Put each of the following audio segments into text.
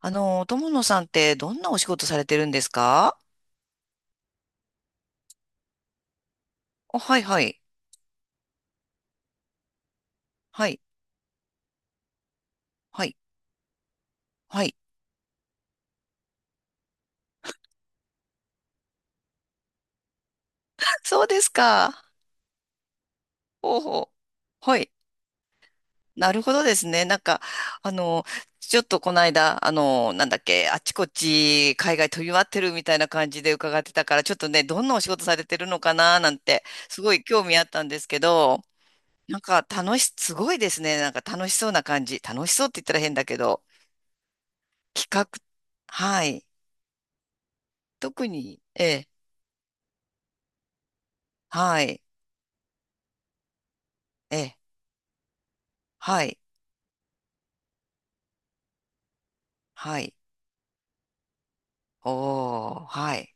友野さんってどんなお仕事されてるんですか？お、はいはい。はい。はい。はい。そうですか。ほうほう。はい。なるほどですね。なんか、あの、ちょっとこの間、なんだっけ、あっちこっち海外飛び回ってるみたいな感じで伺ってたから、ちょっとね、どんなお仕事されてるのかななんて、すごい興味あったんですけど、なんか楽し、すごいですね。なんか楽しそうな感じ。楽しそうって言ったら変だけど、企画、はい。特に、ええ。はい。ええ、はい、はい、おー、はい、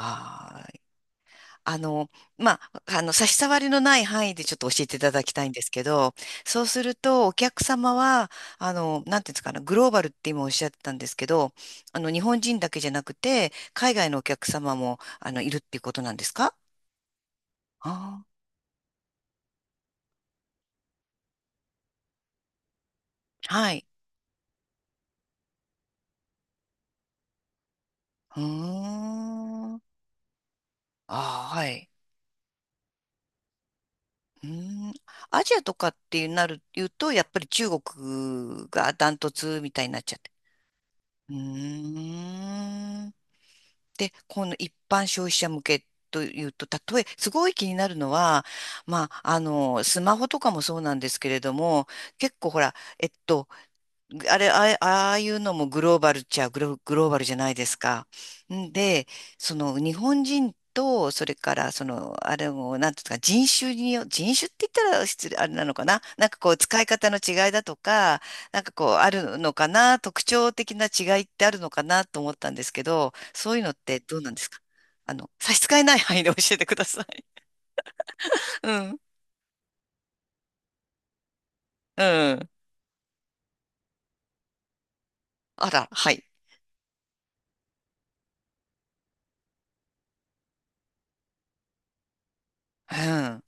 あーあの、まあ、差し障りのない範囲でちょっと教えていただきたいんですけど、そうすると、お客様は、なんていうんですかね、グローバルって今おっしゃってたんですけど、日本人だけじゃなくて、海外のお客様も、いるっていうことなんですか？あー、はい。うーん。あー、はい。うーん。アジアとかってなる、言うと、やっぱり中国がダントツみたいになっちゃって。うーん。で、この一般消費者向けというと、すごい気になるのは、まあ、スマホとかもそうなんですけれども、結構ほら、えっと、あれ、ああああいうのもグローバルっちゃグローバルじゃないですか。んで、その日本人と、それからその、あれも、なんていうんですか、人種って言ったら失礼、あれなのかななんかこう、使い方の違いだとか、なんかこう、あるのかな特徴的な違いってあるのかなと思ったんですけど、そういうのってどうなんですか？差し支えない範囲で教えてください。うん、うん。あら、はい。うん、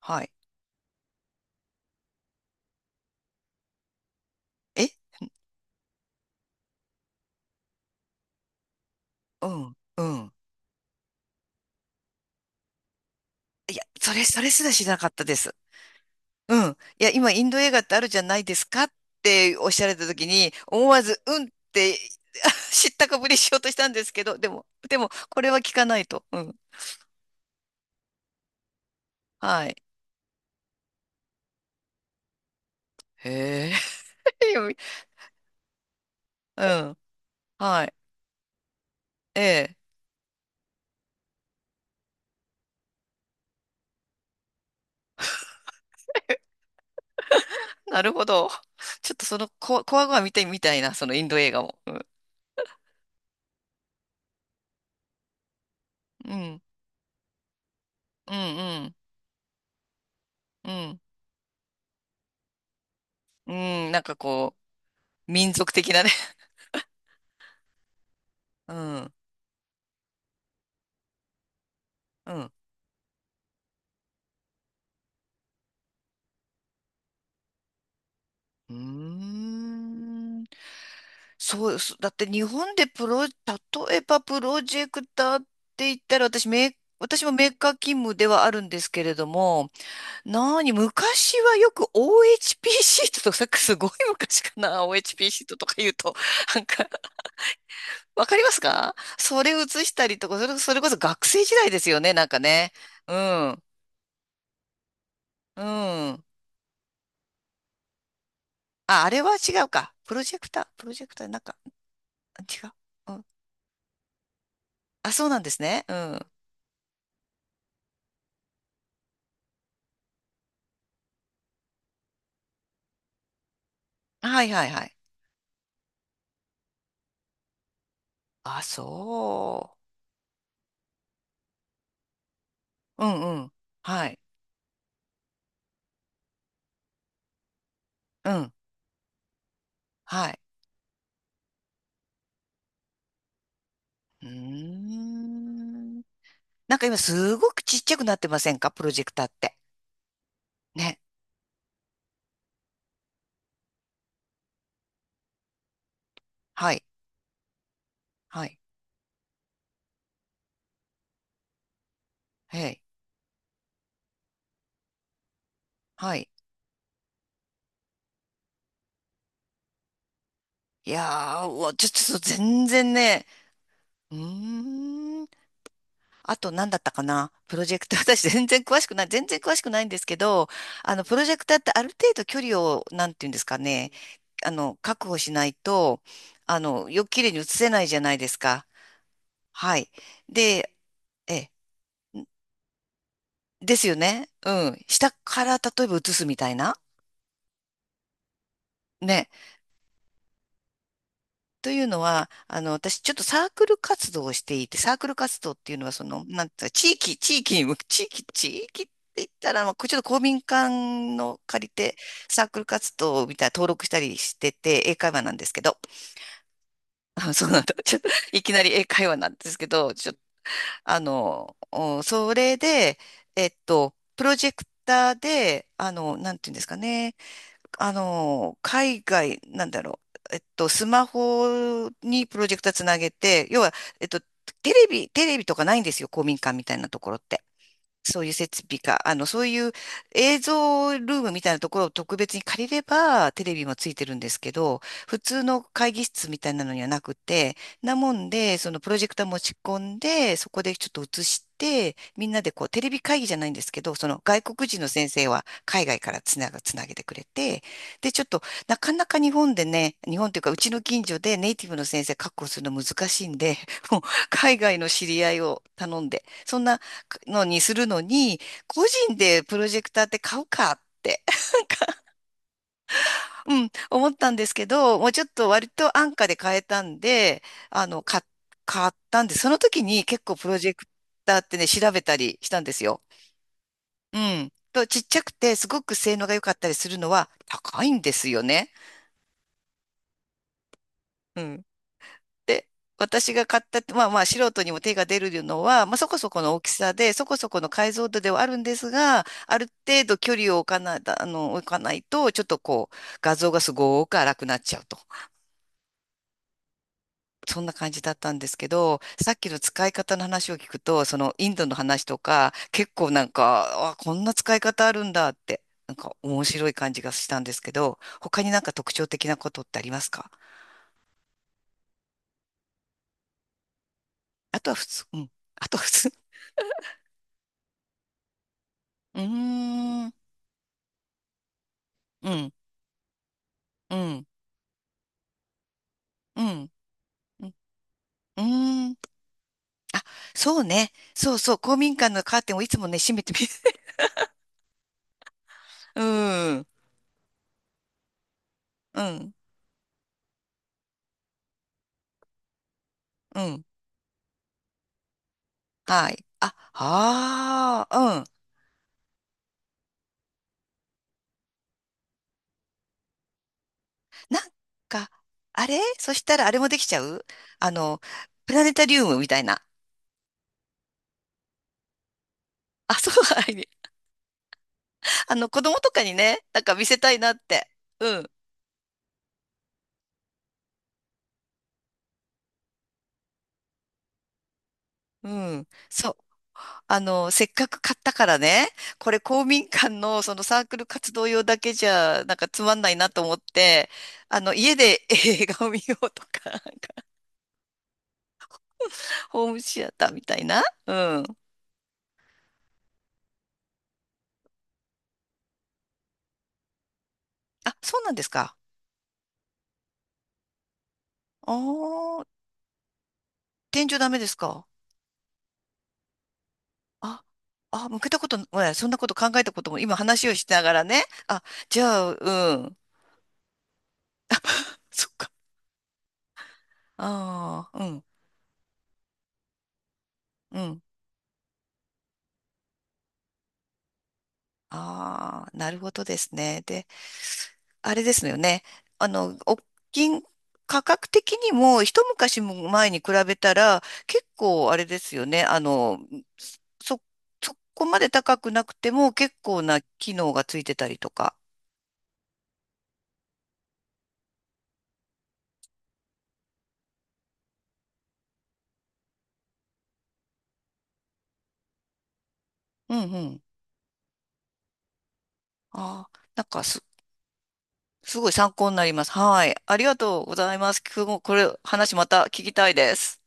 はい。え、うん、うん。いや、それすらしなかったです。うん。いや、今、インド映画ってあるじゃないですかっておっしゃられた時に、思わず、うんって 知ったかぶりしようとしたんですけど、でも、これは聞かないと。うん。はい。へえ。うん。はい。ええ。なるほど。ちょっとその、こわごわ見てみたいな、そのインド映画も。うん。うん。うん。うん。うん。うん、なんかこう、民族的なね。うん。うん。うーん。そうです。だって日本で例えばプロジェクターって言ったら私もメーカー勤務ではあるんですけれども、なに、昔はよく OHP シートとか、さっきすごい昔かな、OHP シートとか言うと、なんか、わかりますか？それ写したりとか、それこそ学生時代ですよね、なんかね。うん、うん。あ、あれは違うか。プロジェクター、なんか、違う。うん。あ、そうなんですね。うん。はいはいはい。あ、そう。うんうん。はい。うん。はい。うーん。なんか今すごくちっちゃくなってませんか？プロジェクターって。ね。はい。はい。はい。はい。いやー、うわ、ちょっと全然ね。うーん。あと何だったかな、プロジェクター。私全然詳しくない。全然詳しくないんですけど、プロジェクターってある程度距離を、なんていうんですかね。確保しないと、よく綺麗に映せないじゃないですか。はい。で、え、ですよね。うん。下から例えば移すみたいな。ね。というのは、私ちょっとサークル活動をしていて、サークル活動っていうのは、その、なんていうか、地域、地域に向く、地域って言ったら、まあ、こうちょっと公民館の借りて、サークル活動みたいな登録したりしてて、英会話なんですけど、あ、そうなんだ。ちょっと、いきなり英会話なんですけど、ちあの、それで、プロジェクターで、なんていうんですかね、海外、なんだろう、スマホにプロジェクターつなげて、要は、えっと、テレビとかないんですよ、公民館みたいなところって。そういう設備か、そういう映像ルームみたいなところを特別に借りれば、テレビもついてるんですけど、普通の会議室みたいなのにはなくて、なもんで、そのプロジェクター持ち込んで、そこでちょっと映して、みんなでこう、テレビ会議じゃないんですけど、その外国人の先生は海外からつなげてくれて、で、ちょっと、なかなか日本でね、日本というか、うちの近所でネイティブの先生確保するの難しいんで、もう、海外の知り合いを頼んで、そんな、のにするのに、個人でプロジェクターって買うかって、なんか、うん、思ったんですけど、もうちょっと割と安価で買えたんで、あの、買、買ったんで、その時に結構プロジェクターってね、調べたりしたんですよ。うん。と、ちっちゃくて、すごく性能が良かったりするのは高いんですよね。うん。で、私が買ったって、まあまあ素人にも手が出るのは、まあそこそこの大きさで、そこそこの解像度ではあるんですが、ある程度距離を置かない、あの、置かないと、ちょっとこう、画像がすごく荒くなっちゃうと。そんな感じだったんですけど、さっきの使い方の話を聞くと、そのインドの話とか、結構なんか、あ、こんな使い方あるんだって、なんか面白い感じがしたんですけど、他になんか特徴的なことってありますか？あとは普通、うん。あとは普通。うーん、うん、うん。うん。うん。うーん、そうね。そうそう。公民館のカーテンをいつもね、閉めてみる。うん。うん。うん。はい。あ、ああ、うん。なんか、あれ、そしたらあれもできちゃう、あの、プラネタリウムみたいな。あ、そう、はい。子供とかにね、なんか見せたいなって。うん。うん。そう。せっかく買ったからね、これ公民館のそのサークル活動用だけじゃなんかつまんないなと思って、家で 映画を見ようとか、なんかホームシアターみたいな。うん。あ、そうなんですか。ああ、天井ダメですか。あ、あ、向けたこと、そんなこと考えたことも今話をしながらね。あ、じゃあ、うん。そっか。ああ、うん、うん。ああ、なるほどですね。で、あれですよね。お金、価格的にも一昔も前に比べたら結構あれですよね。そ、そこまで高くなくても結構な機能がついてたりとか。うんうん。ああ、なんかすごい参考になります。はい。ありがとうございます。今日もこれ話また聞きたいです。